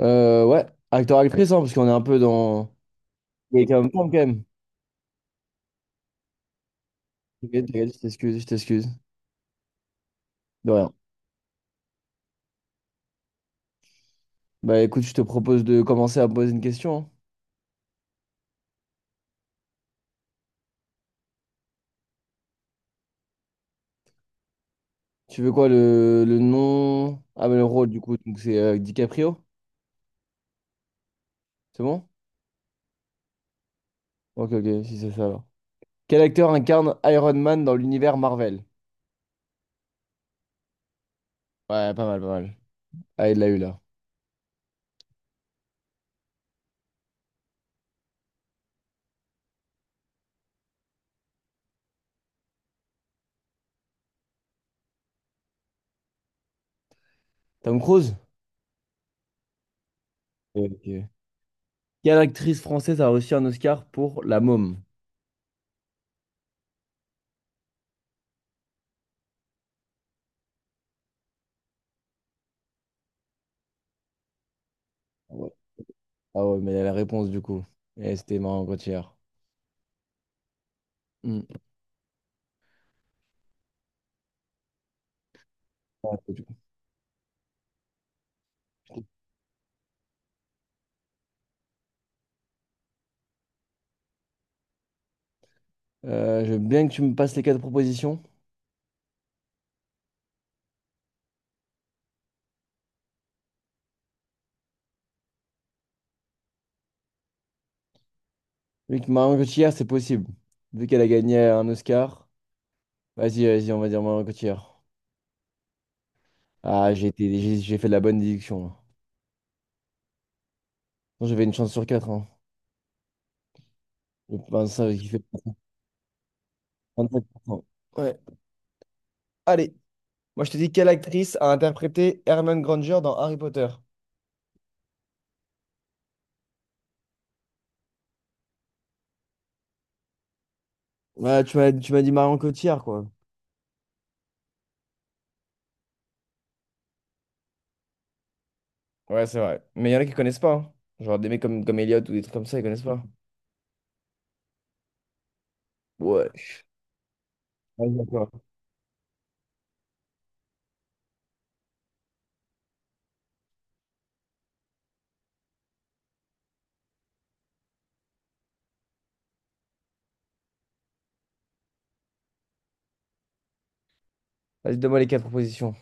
Ouais, acteur-actrice, hein, parce qu'on est un peu dans... il oui, quand même, quand même. T'inquiète, t'inquiète, je t'excuse, je t'excuse. De rien. Bah écoute, je te propose de commencer à me poser une question, hein. Tu veux quoi, le nom... Ah, mais le rôle, du coup, donc c'est DiCaprio, c'est bon? Ok, ok, si c'est ça, alors. Quel acteur incarne Iron Man dans l'univers Marvel? Ouais, pas mal, pas mal. Ah, il l'a eu, là. Tom Cruise? Ok. Quelle actrice française a reçu un Oscar pour La Môme? Ouais. Ah ouais, mais il y a la réponse du coup. Et c'était marrant quand hier. Hmm. Ah, c'est du coup. Je veux bien que tu me passes les quatre propositions. Vu que Marion Cotillard, c'est possible. Vu qu'elle a gagné un Oscar. Vas-y, vas-y, on va dire Marion Cotillard. Ah, j'ai fait de la bonne déduction, là. Non, j'avais une chance sur quatre, hein. Je pense ça qui fait 25%. Ouais. Allez, moi je te dis, quelle actrice a interprété Hermione Granger dans Harry Potter? Ouais, tu m'as dit Marion Cotillard, quoi. Ouais, c'est vrai. Mais il y en a qui connaissent pas, hein. Genre des mecs comme Elliot ou des trucs comme ça, ils connaissent pas. Ouais. Vas-y, à toi. Vas-y, donne-moi les quatre propositions.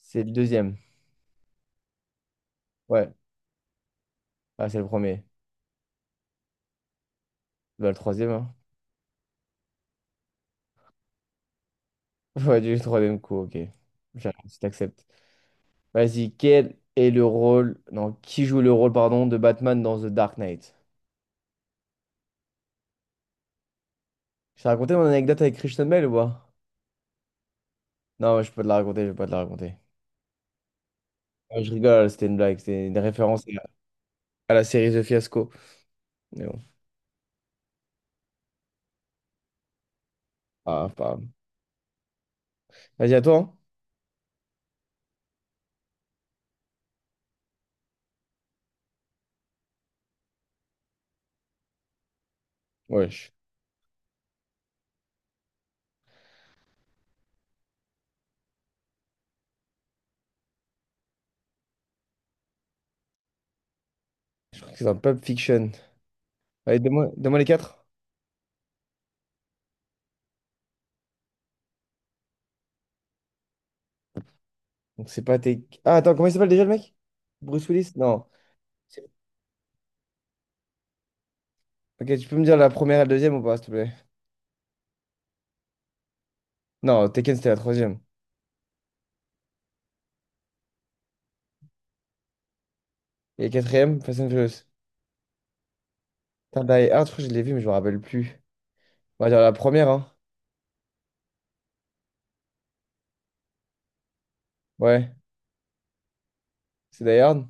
C'est le deuxième. Ouais. Ah, c'est le premier. Bah, le troisième, hein. Ouais, du troisième coup, ok. J'arrête, je t'accepte. Vas-y, quel est le rôle... Non, qui joue le rôle, pardon, de Batman dans The Dark Knight? Je t'ai raconté mon anecdote avec Christian Bale ou pas? Non, je peux pas te la raconter, je vais pas te la raconter. Ouais, je rigole, c'était une blague, c'était une référence à la série The Fiasco. Mais bon, ah, pas... grave. Vas-y, à toi, hein. Ouais, je, je crois que c'est dans Pulp Fiction. Allez, donne-moi les quatre. Donc, c'est pas tes. Ah, attends, comment il s'appelle déjà le mec? Bruce Willis? Non. C'est- Ok, tu peux me dire la première et la deuxième ou pas, s'il te plaît? Non, Tekken, c'était la troisième. Et la quatrième, Fast and Furious. Putain, Die Hard, je crois que je l'ai vu, mais je me rappelle plus. On va dire la première, hein. Ouais, c'est Die Hard.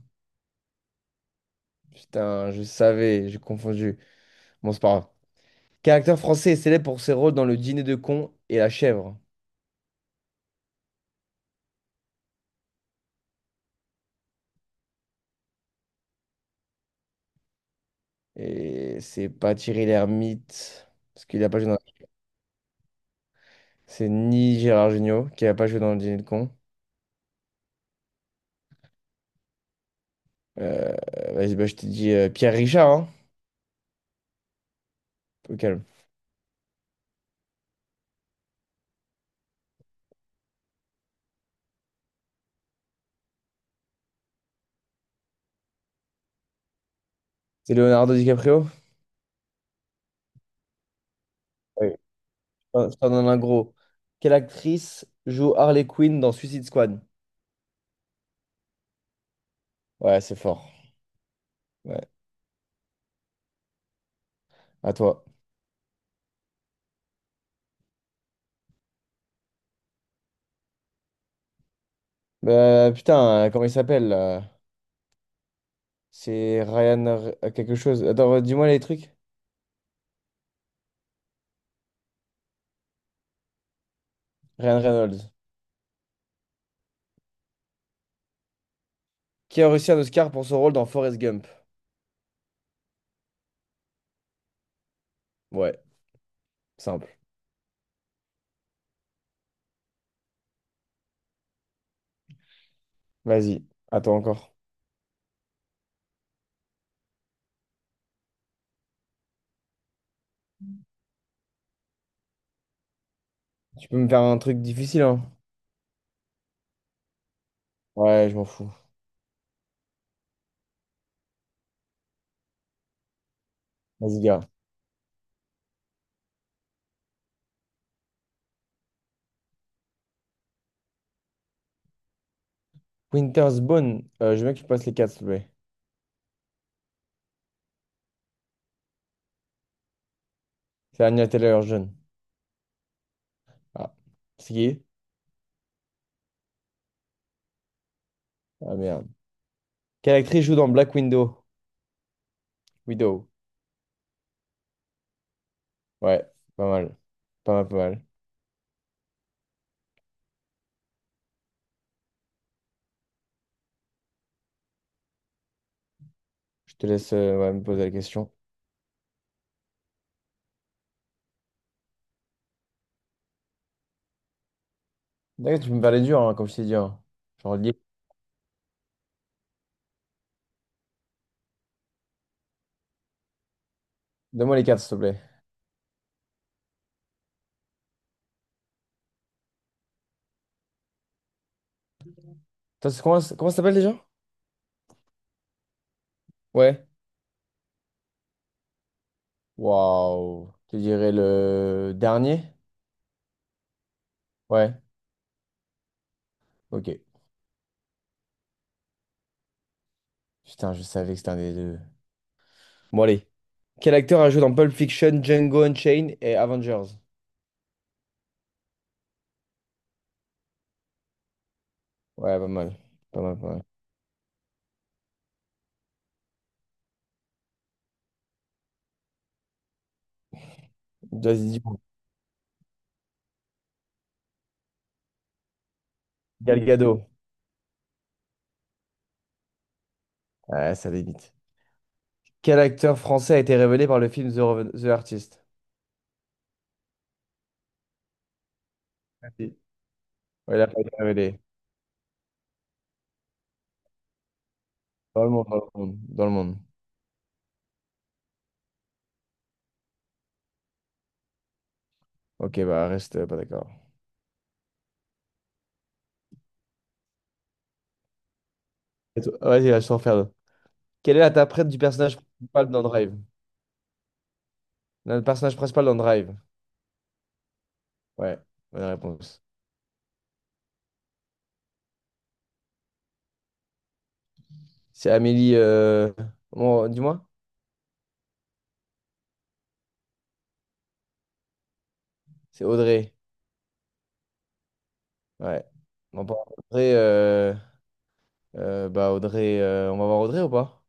Putain, je savais, j'ai confondu. Bon, c'est pas grave. Quel acteur français est célèbre pour ses rôles dans Le Dîner de cons et La Chèvre? Et c'est pas Thierry Lhermitte, parce qu'il a pas joué dans c'est ni Gérard Jugnot, qui a pas joué dans le Dîner de con. Euh, Vas-y, bah, je t'ai dit Pierre Richard, hein, au calme. C'est Leonardo DiCaprio? Oui. Je t'en donne un gros. Quelle actrice joue Harley Quinn dans Suicide Squad? Ouais, c'est fort. Ouais, à toi. Bah, putain, comment il s'appelle là. C'est quelque chose. Attends, dis-moi les trucs. Ryan Reynolds. Qui a reçu un Oscar pour son rôle dans Forrest Gump? Ouais, simple. Vas-y, attends encore. Tu peux me faire un truc difficile, hein? Ouais, je m'en fous. Vas-y, gars. Winter's Bone, je veux bien que tu passes les quatre, s'il te plaît. C'est Anya Taylor-Joy. Ah, c'est qui? Ah merde. Quelle actrice joue dans Black Widow? Widow. Ouais, pas mal. Pas mal, pas mal. Je te laisse ouais, me poser la question. D'accord, tu peux me faire dur, hein, comme je t'ai dit, hein. Genre, li- donne-moi les quatre, s'il te plaît. Comment, comment ça s'appelle déjà? Ouais. Waouh. Je te dirais le dernier? Ouais, ok. Putain, je savais que c'était un des deux. Bon, allez. Quel acteur a joué dans Pulp Fiction, Django Unchained et Avengers? Ouais, pas mal. Pas mal, pas mal. Vas-y, dis-moi. Gal Gadot. Ouais, ça limite. Quel acteur français a été révélé par le film The, Reven- The Artist? Si. Ouais, il a pas été révélé. Dans le monde, dans le monde. Dans le monde. Ok, bah reste pas d'accord. Vas-y, là, je t'en fais un autre. Quelle est l'interprète du personnage principal dans Drive? Le personnage principal dans Drive. Ouais, bonne réponse. C'est Amélie, bon, dis-moi. C'est Audrey. Ouais. On va voir Audrey. euh, Audrey. On va voir Audrey ou pas?